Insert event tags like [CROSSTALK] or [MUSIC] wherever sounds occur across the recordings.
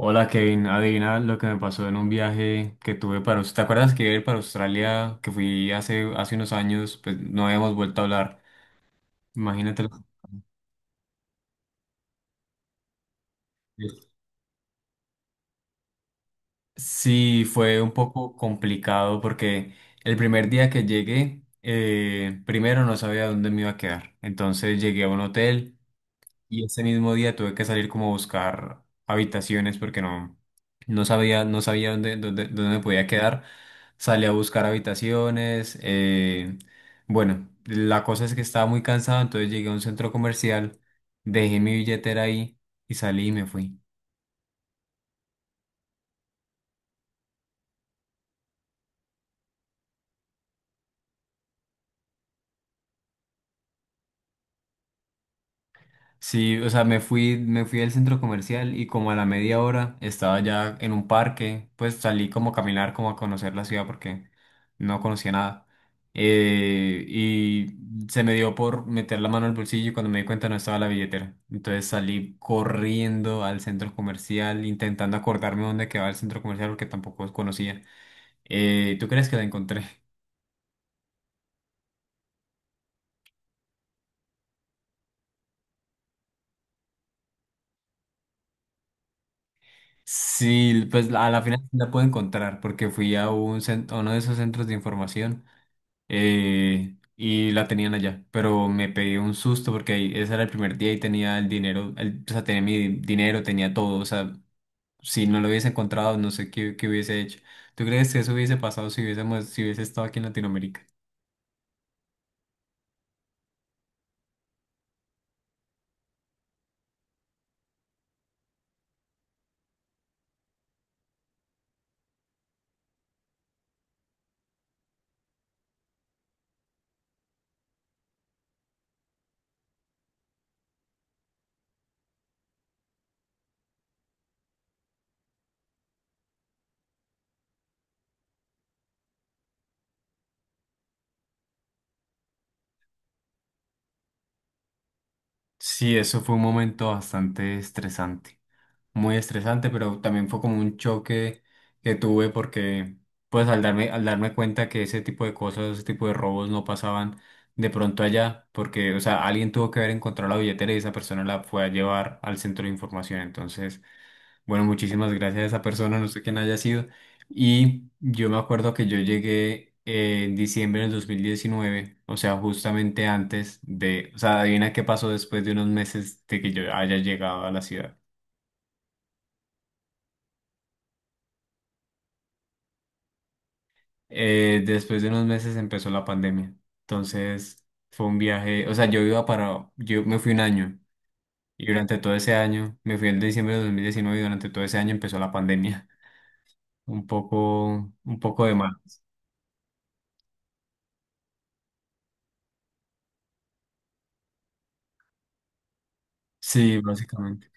Hola Kevin, adivina lo que me pasó en un viaje que tuve para... ¿Te acuerdas que iba a ir para Australia, que fui hace unos años, pues no habíamos vuelto a hablar? Imagínate. Sí, fue un poco complicado porque el primer día que llegué, primero no sabía dónde me iba a quedar. Entonces llegué a un hotel. Y ese mismo día tuve que salir como a buscar habitaciones porque no sabía dónde, dónde me podía quedar. Salí a buscar habitaciones. Bueno, la cosa es que estaba muy cansado, entonces llegué a un centro comercial, dejé mi billetera ahí y salí y me fui. Sí, o sea, me fui al centro comercial y como a la media hora estaba ya en un parque, pues salí como a caminar, como a conocer la ciudad porque no conocía nada. Y se me dio por meter la mano al bolsillo y cuando me di cuenta no estaba la billetera. Entonces salí corriendo al centro comercial, intentando acordarme dónde quedaba el centro comercial porque tampoco conocía. ¿Tú crees que la encontré? [LAUGHS] Sí, pues a la final sí la puedo encontrar porque fui a a uno de esos centros de información. Y la tenían allá, pero me pegué un susto porque ese era el primer día y tenía el dinero, o sea, tenía mi dinero, tenía todo, o sea, si no lo hubiese encontrado, no sé qué hubiese hecho. ¿Tú crees que eso hubiese pasado si hubiese estado aquí en Latinoamérica? Sí, eso fue un momento bastante estresante. Muy estresante, pero también fue como un choque que tuve porque, pues, al darme cuenta que ese tipo de cosas, ese tipo de robos no pasaban de pronto allá, porque, o sea, alguien tuvo que haber encontrado la billetera y esa persona la fue a llevar al centro de información. Entonces, bueno, muchísimas gracias a esa persona, no sé quién haya sido. Y yo me acuerdo que yo llegué. En diciembre del 2019, o sea, justamente antes de, o sea, adivina qué pasó después de unos meses de que yo haya llegado a la ciudad. Después de unos meses empezó la pandemia. Entonces fue un viaje, o sea, yo iba para, yo me fui un año y durante todo ese año, me fui en diciembre de 2019 y durante todo ese año empezó la pandemia. [LAUGHS] Un poco de mal. Sí, básicamente.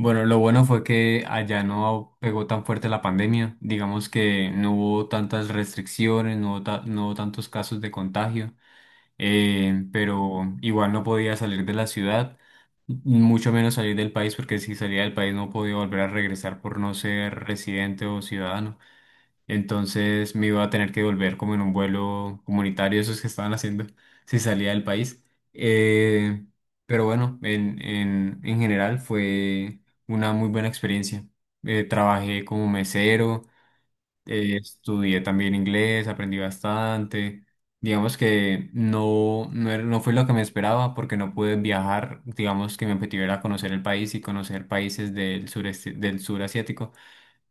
Bueno, lo bueno fue que allá no pegó tan fuerte la pandemia. Digamos que no hubo tantas restricciones, no hubo, no hubo tantos casos de contagio. Pero igual no podía salir de la ciudad, mucho menos salir del país, porque si salía del país no podía volver a regresar por no ser residente o ciudadano. Entonces me iba a tener que volver como en un vuelo comunitario, esos que estaban haciendo [LAUGHS] si salía del país. Eh, pero bueno, en general fue una muy buena experiencia. Trabajé como mesero estudié también inglés, aprendí bastante. Digamos que no fue lo que me esperaba porque no pude viajar. Digamos que mi objetivo era conocer el país y conocer países del sureste, del sur asiático.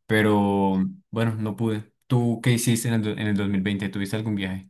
Pero bueno, no pude. ¿Tú qué hiciste en en el 2020? ¿Tuviste algún viaje?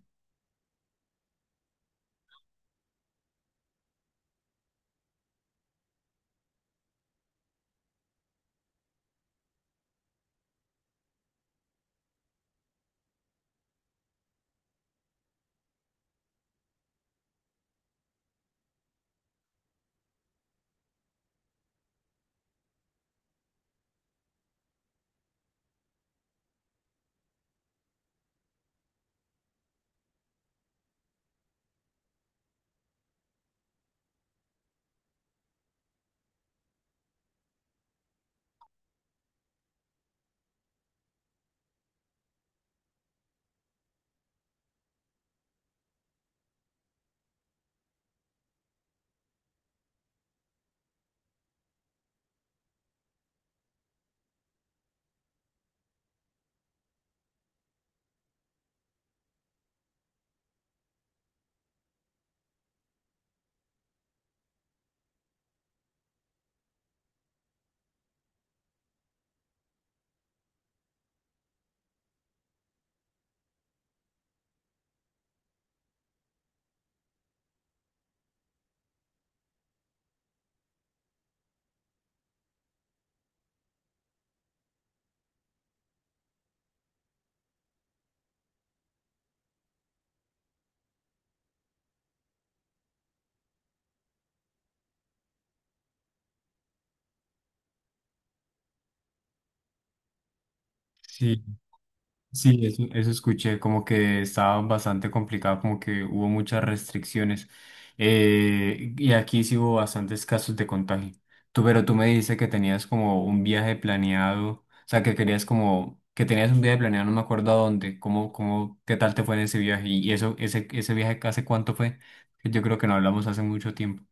Sí, sí, eso escuché, como que estaba bastante complicado, como que hubo muchas restricciones. Y aquí sí hubo bastantes casos de contagio. Pero tú me dices que tenías como un viaje planeado, o sea, que querías como, que tenías un viaje planeado, no me acuerdo a dónde, qué tal te fue en ese viaje. Y eso, ese viaje, ¿hace cuánto fue? Yo creo que no hablamos hace mucho tiempo.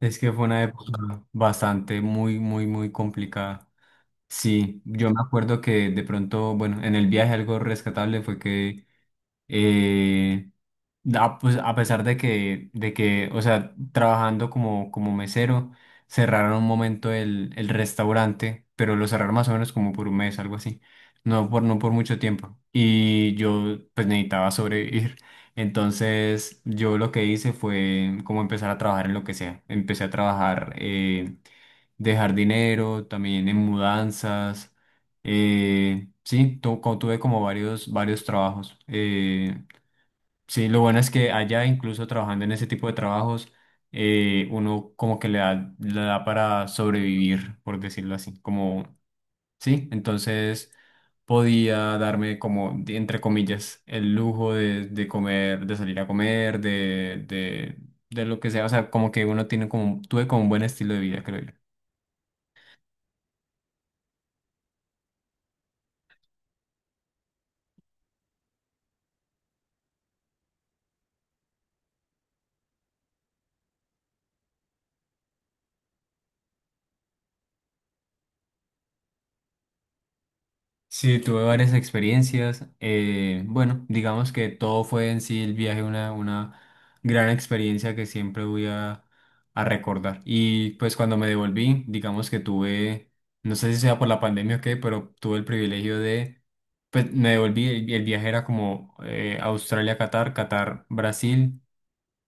Es que fue una época bastante, muy complicada. Sí, yo me acuerdo que de pronto, bueno, en el viaje algo rescatable fue que eh, pues, a pesar de o sea, trabajando como, como mesero, cerraron un momento el restaurante, pero lo cerraron más o menos como por un mes, algo así. No por mucho tiempo. Y yo, pues, necesitaba sobrevivir. Entonces, yo lo que hice fue como empezar a trabajar en lo que sea. Empecé a trabajar de jardinero, también en mudanzas. Tuve como varios trabajos. Sí, lo bueno es que allá, incluso trabajando en ese tipo de trabajos, uno como que le da para sobrevivir, por decirlo así. Como, sí, entonces podía darme como, entre comillas, el lujo de comer, de salir a comer, de lo que sea. O sea, como que uno tiene como, tuve como un buen estilo de vida, creo yo. Sí, tuve varias experiencias. Bueno, digamos que todo fue en sí el viaje una gran experiencia que siempre voy a recordar. Y pues cuando me devolví, digamos que tuve, no sé si sea por la pandemia o qué, pero tuve el privilegio de, pues me devolví, el viaje era como Australia-Qatar, Qatar-Brasil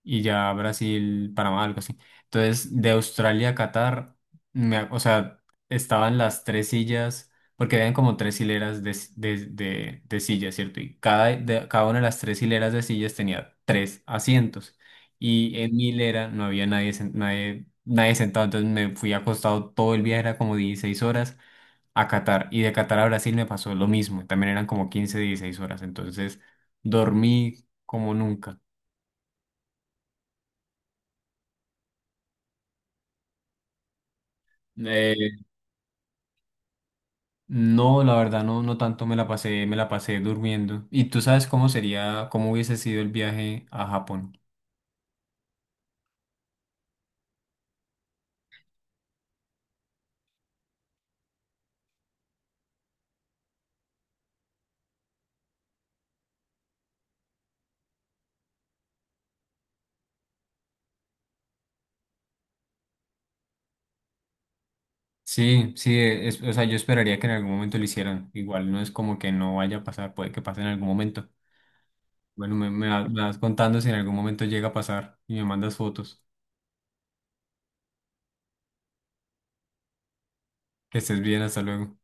y ya Brasil, Panamá, algo así. Entonces, de Australia a Qatar, o sea, estaban las tres sillas, porque habían como tres hileras de, de sillas, ¿cierto? Y cada una de las tres hileras de sillas tenía tres asientos. Y en mi hilera no había nadie, nadie sentado, entonces me fui acostado todo el viaje, era como 16 horas a Qatar. Y de Qatar a Brasil me pasó lo mismo, también eran como 15 16 horas, entonces dormí como nunca. Eh, No, la verdad no, no tanto me la pasé durmiendo. ¿Y tú sabes cómo sería, cómo hubiese sido el viaje a Japón? Sí, sí, o sea, yo esperaría que en algún momento lo hicieran. Igual no es como que no vaya a pasar, puede que pase en algún momento. Bueno, me vas contando si en algún momento llega a pasar y me mandas fotos. Que estés bien, hasta luego.